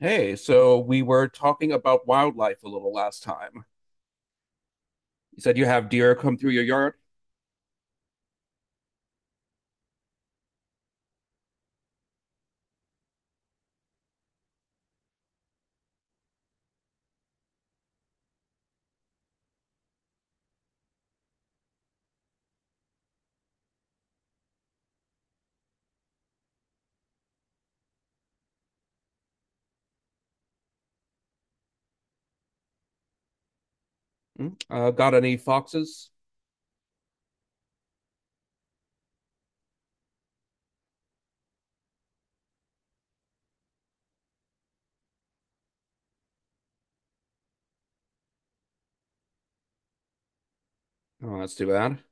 Hey, so we were talking about wildlife a little last time. You said you have deer come through your yard. Hmm? Got any foxes? Oh, that's too bad.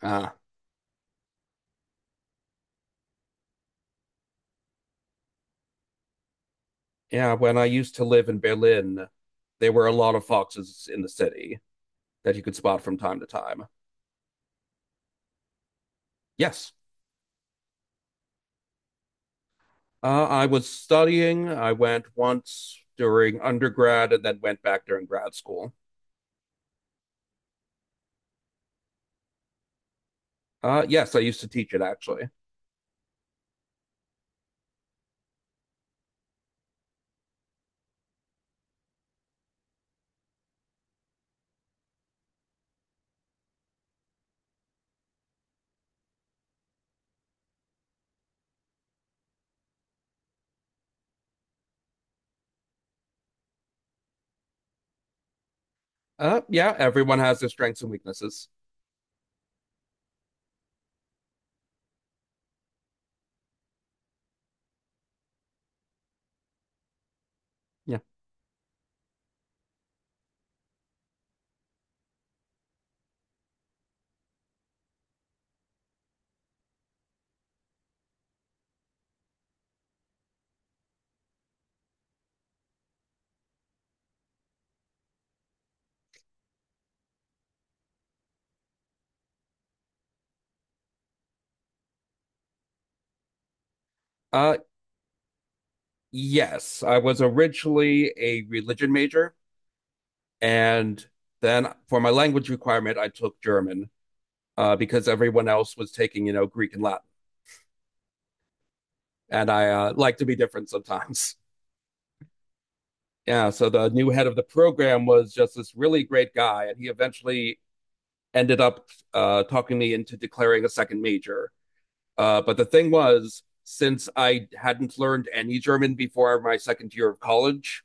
Ah, yeah, when I used to live in Berlin, there were a lot of foxes in the city that you could spot from time to time. Yes. I was studying. I went once during undergrad and then went back during grad school. Yes, I used to teach it actually. Yeah, everyone has their strengths and weaknesses. Yeah. Uh, Yes, I was originally a religion major, and then for my language requirement, I took German because everyone else was taking, you know, Greek and Latin, and I like to be different sometimes. Yeah, so the new head of the program was just this really great guy, and he eventually ended up talking me into declaring a second major. But the thing was, since I hadn't learned any German before my second year of college,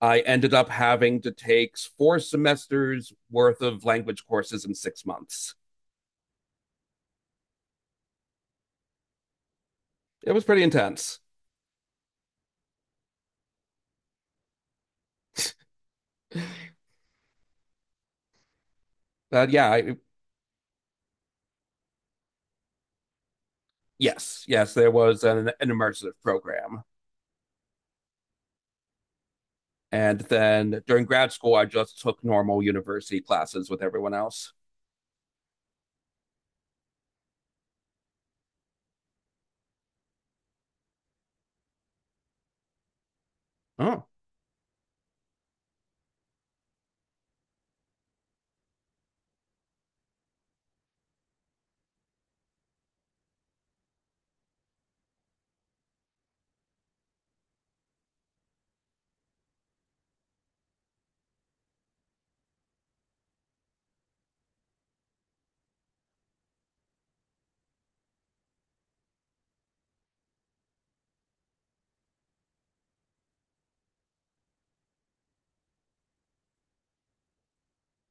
I ended up having to take four semesters worth of language courses in 6 months. It was pretty intense. But yes, yes, there was an immersive program. And then during grad school, I just took normal university classes with everyone else. Oh,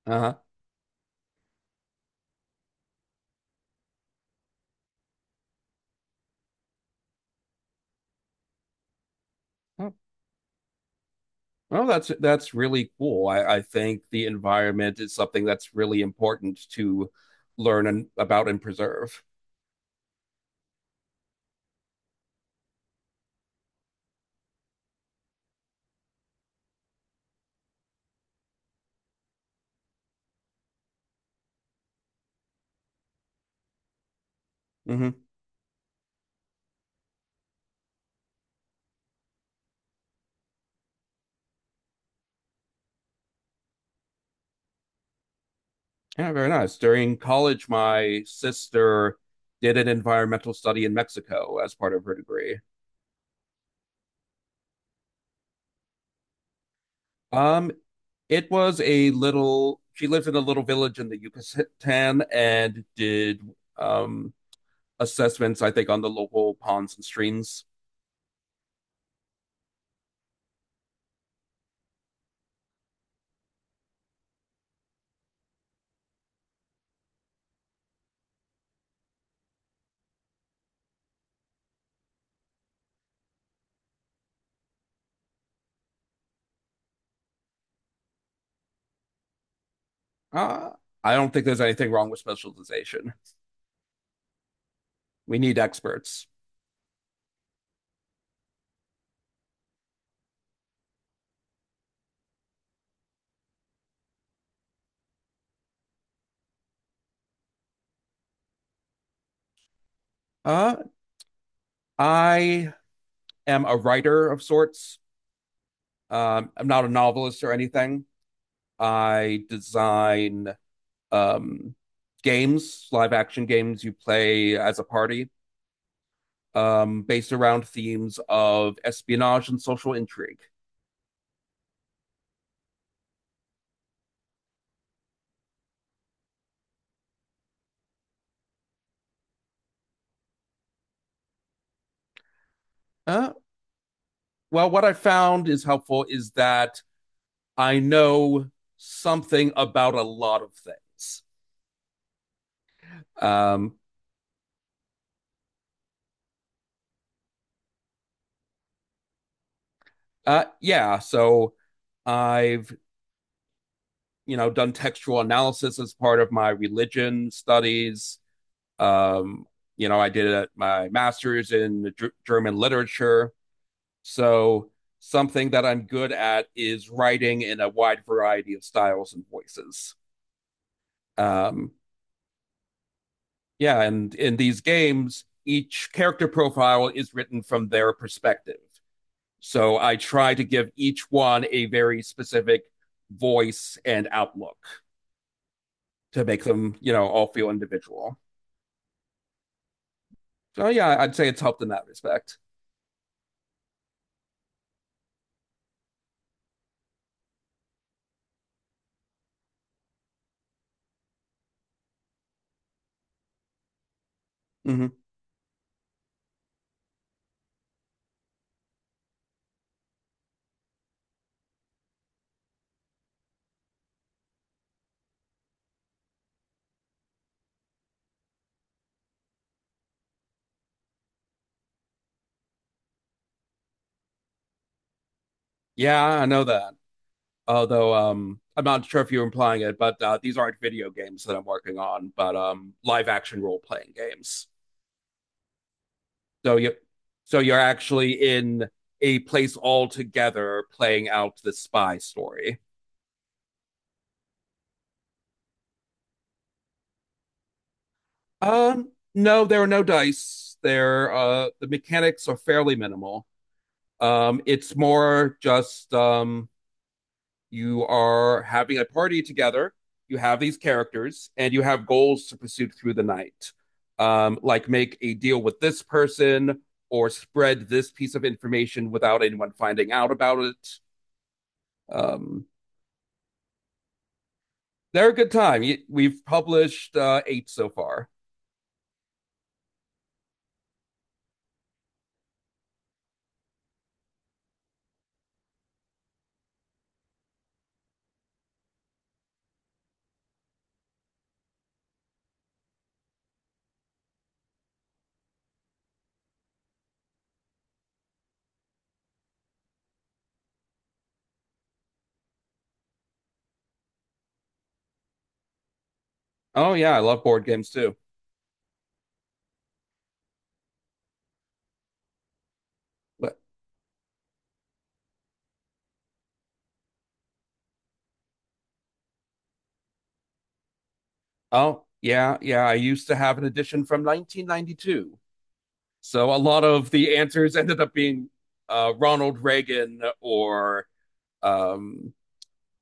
uh huh. Well, that's really cool. I think the environment is something that's really important to learn and, about and preserve. Hmm. Yeah, very nice. During college, my sister did an environmental study in Mexico as part of her degree. Um, it was a little, she lives in a little village in the Yucatan and did um, assessments, I think, on the local ponds and streams. Uh, I don't think there's anything wrong with specialization. We need experts. Uh, I am a writer of sorts. I'm not a novelist or anything. I design um, games, live action games you play as a party, based around themes of espionage and social intrigue. Uh, well, what I found is helpful is that I know something about a lot of things. Um, yeah, so I've, you know, done textual analysis as part of my religion studies. Um, you know, I did my master's in German literature. So something that I'm good at is writing in a wide variety of styles and voices. Um, yeah, and in these games, each character profile is written from their perspective. So I try to give each one a very specific voice and outlook to make them, you know, all feel individual. So yeah, I'd say it's helped in that respect. Mm-hmm. Yeah, I know that, although I'm not sure if you're implying it, but these aren't video games that I'm working on, but live action role playing games. So you, so you're actually in a place all together playing out the spy story. No, there are no dice. There, the mechanics are fairly minimal. It's more just you are having a party together. You have these characters and you have goals to pursue through the night, like make a deal with this person or spread this piece of information without anyone finding out about it. Um, they're a good time. We've published eight so far. Oh, yeah, I love board games too. But, oh, yeah, yeah, I used to have an edition from 1992. So a lot of the answers ended up being Ronald Reagan or um,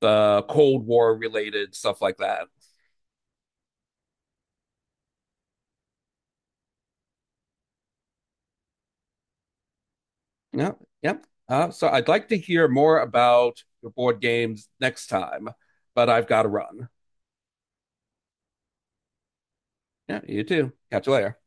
the Cold War, related stuff like that. Yep, yep. Yeah. So I'd like to hear more about your board games next time, but I've got to run. Yeah, you too. Catch you later.